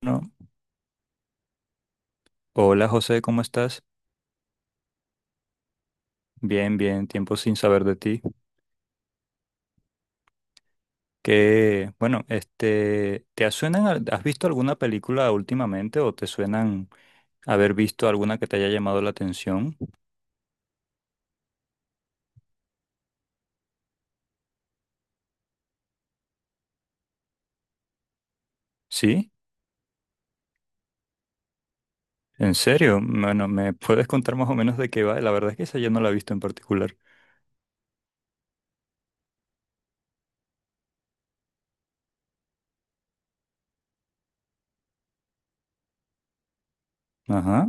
No. Hola José, ¿cómo estás? Bien, bien, tiempo sin saber de ti. ¿Te suenan, has visto alguna película últimamente o te suenan haber visto alguna que te haya llamado la atención? ¿Sí? ¿En serio? Bueno, ¿me puedes contar más o menos de qué va? La verdad es que esa yo no la he visto en particular. Ajá.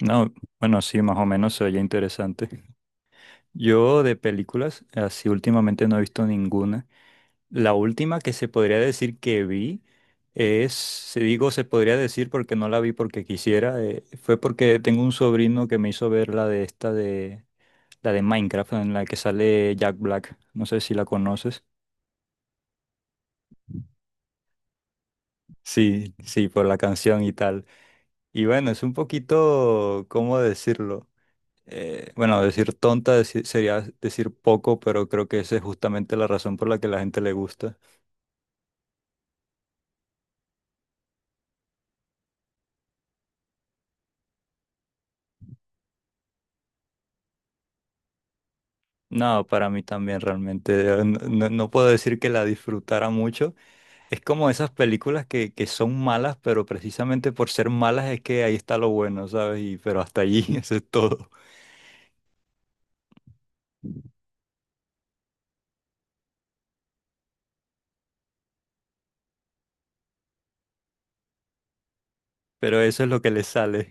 No, bueno, sí, más o menos se oye interesante. Yo de películas, así últimamente no he visto ninguna. La última que se podría decir que vi es, se podría decir porque no la vi porque quisiera, fue porque tengo un sobrino que me hizo ver la la de Minecraft en la que sale Jack Black, no sé si la conoces. Sí, sí, por la canción y tal. Y bueno, es un poquito, ¿cómo decirlo? Bueno, sería decir poco, pero creo que esa es justamente la razón por la que la gente le gusta. No, para mí también realmente. No puedo decir que la disfrutara mucho. Es como esas películas que son malas, pero precisamente por ser malas es que ahí está lo bueno, ¿sabes? Y pero hasta allí, eso es todo. Pero eso es lo que le sale.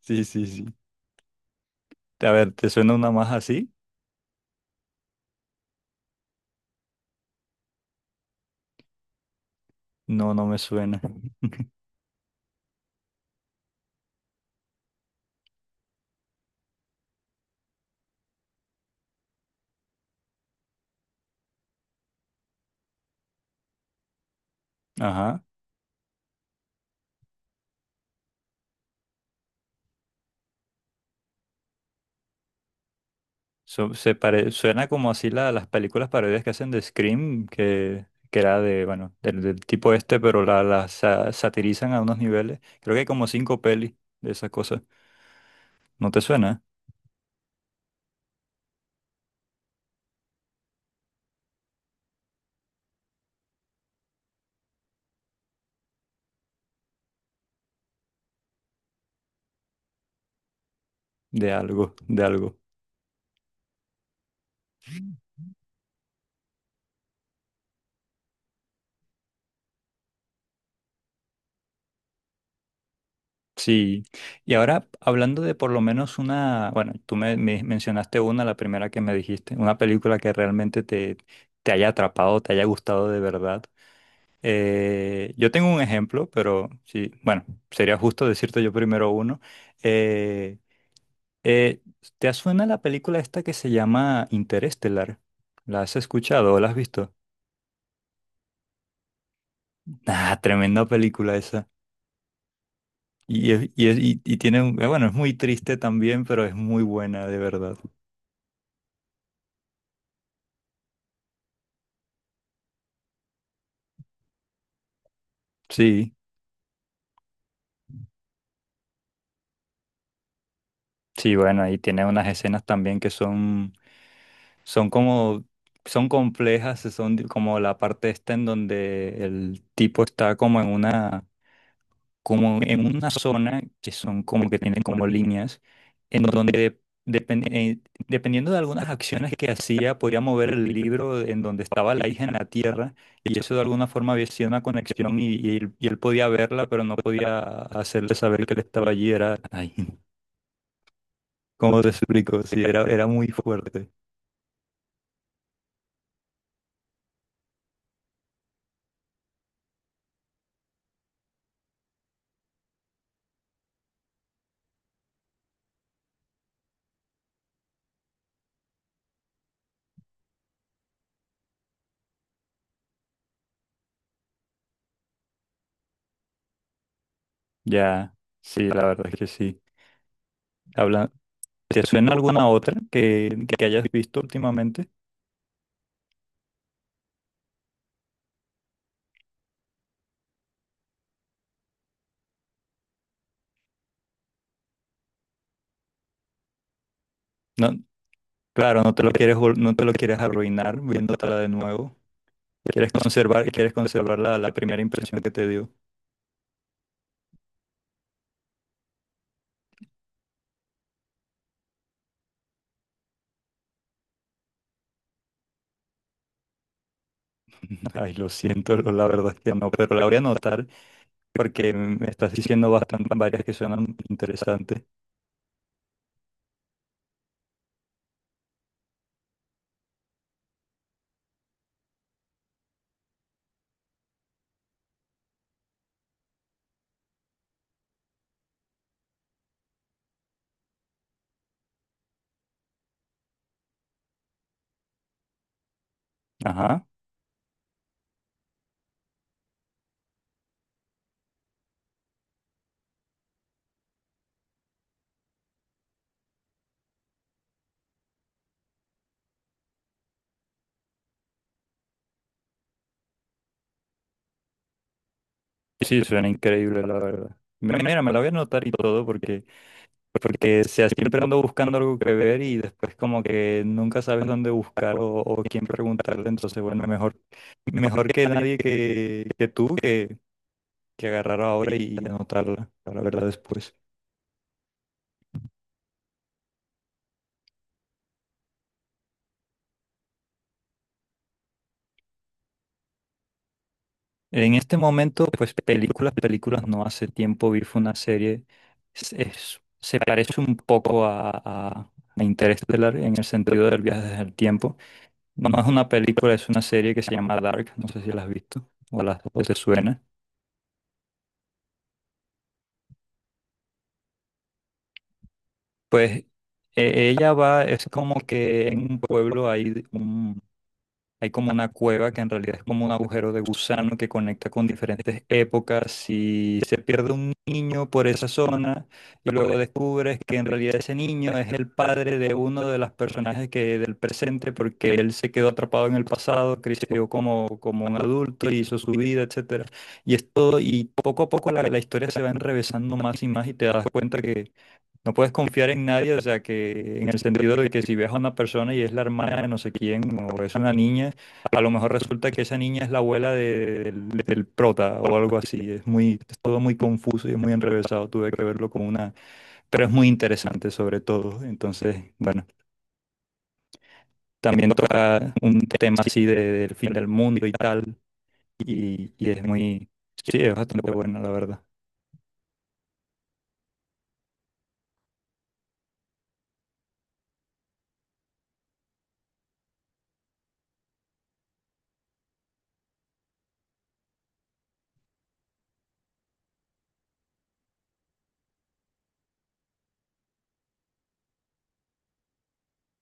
Sí, sí, sí. A ver, ¿te suena una más así? No, no me suena. Ajá. Suena como así las películas parodias que hacen de Scream, que era de, bueno, del tipo este, pero la satirizan a unos niveles. Creo que hay como cinco pelis de esas cosas. ¿No te suena? De algo, de algo. Sí. Y ahora, hablando de por lo menos una, bueno, me mencionaste una, la primera que me dijiste, una película que realmente te haya atrapado, te haya gustado de verdad. Yo tengo un ejemplo, pero sí, bueno, sería justo decirte yo primero uno. Eh, eh, ¿Te suena la película esta que se llama Interestelar? ¿La has escuchado o la has visto? Ah, tremenda película esa. Y, y tiene, bueno, es muy triste también, pero es muy buena, de verdad. Sí, sí, bueno, y tiene unas escenas también son como, son complejas, como la parte esta en donde el tipo está como en una zona que son como que tienen como líneas, en donde depen- eh, dependiendo de algunas acciones que hacía, podía mover el libro en donde estaba la hija en la tierra, y eso de alguna forma había sido una conexión y, y él podía verla, pero no podía hacerle saber que él estaba allí, ay, ¿cómo te explico? Sí, era muy fuerte. Ya, sí, la verdad es que sí. Habla, ¿te suena alguna otra que hayas visto últimamente? No, claro, no te lo quieres, vol- no te lo quieres arruinar viéndotela de nuevo. Quieres conservar la primera impresión que te dio. Ay, lo siento, la verdad es que no, pero la voy a anotar porque me estás diciendo bastante varias que suenan interesantes. Ajá. Sí, sí, suena increíble, la verdad. Mira, me la voy a anotar y todo porque sea, siempre ando buscando algo que ver y después como que nunca sabes dónde buscar o quién preguntarle, entonces bueno, mejor, mejor que nadie que tú que agarrar ahora y anotarla para verla después. En este momento, pues películas, películas no. Hace tiempo vi fue una serie, se parece un poco a Interestelar en el sentido del viaje del tiempo. No es una película, es una serie que se llama Dark, no sé si la has visto o te suena. Pues ella va, es como que en un pueblo hay un hay como una cueva que en realidad es como un agujero de gusano que conecta con diferentes épocas y se pierde un niño por esa zona y luego descubres que en realidad ese niño es el padre de uno de los personajes que del presente porque él se quedó atrapado en el pasado, creció como, como un adulto, hizo su vida, etcétera. Y es todo, y poco a poco la historia se va enrevesando más y más y te das cuenta que no puedes confiar en nadie, o sea, que en el sentido de que si ves a una persona y es la hermana de no sé quién o es una niña, a lo mejor resulta que esa niña es la abuela del prota o algo así. Es muy, es todo muy confuso y es muy enrevesado. Tuve que verlo como una, pero es muy interesante sobre todo. Entonces, bueno, también toca un tema así del fin del mundo y tal. Y es muy, sí, es bastante buena, la verdad.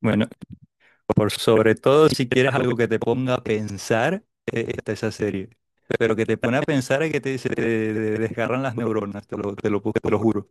Bueno, por sobre todo si quieres algo que te ponga a pensar, está esa serie. Pero que te pone a pensar y que te, se te desgarran las neuronas, te lo juro.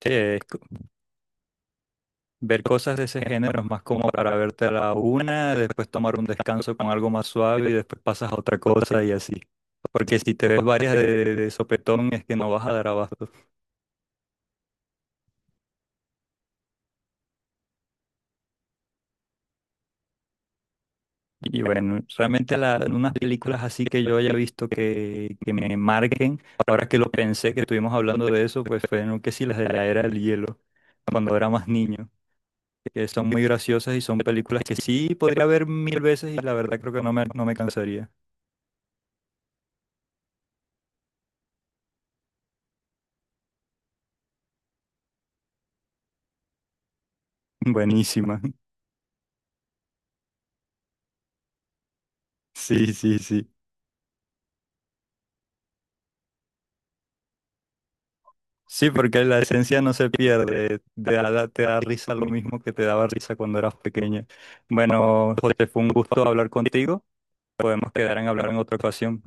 Sí, es ver cosas de ese género es más como para verte a la una, después tomar un descanso con algo más suave y después pasas a otra cosa y así. Porque si te ves varias de sopetón es que no vas a dar abasto. Y bueno, realmente unas películas así que yo haya visto que me marquen, ahora que lo pensé, que estuvimos hablando de eso, pues fueron que sí, las de la era del hielo, cuando era más niño, que son muy graciosas y son películas que sí podría ver 1000 veces y la verdad creo que no me cansaría. Buenísima. Sí, sí, sí. Sí, porque la esencia no se pierde, te da risa lo mismo que te daba risa cuando eras pequeña. Bueno, José, fue un gusto hablar contigo. Podemos quedar en hablar en otra ocasión.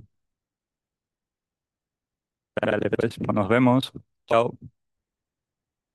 Dale, pues, nos vemos. Chao.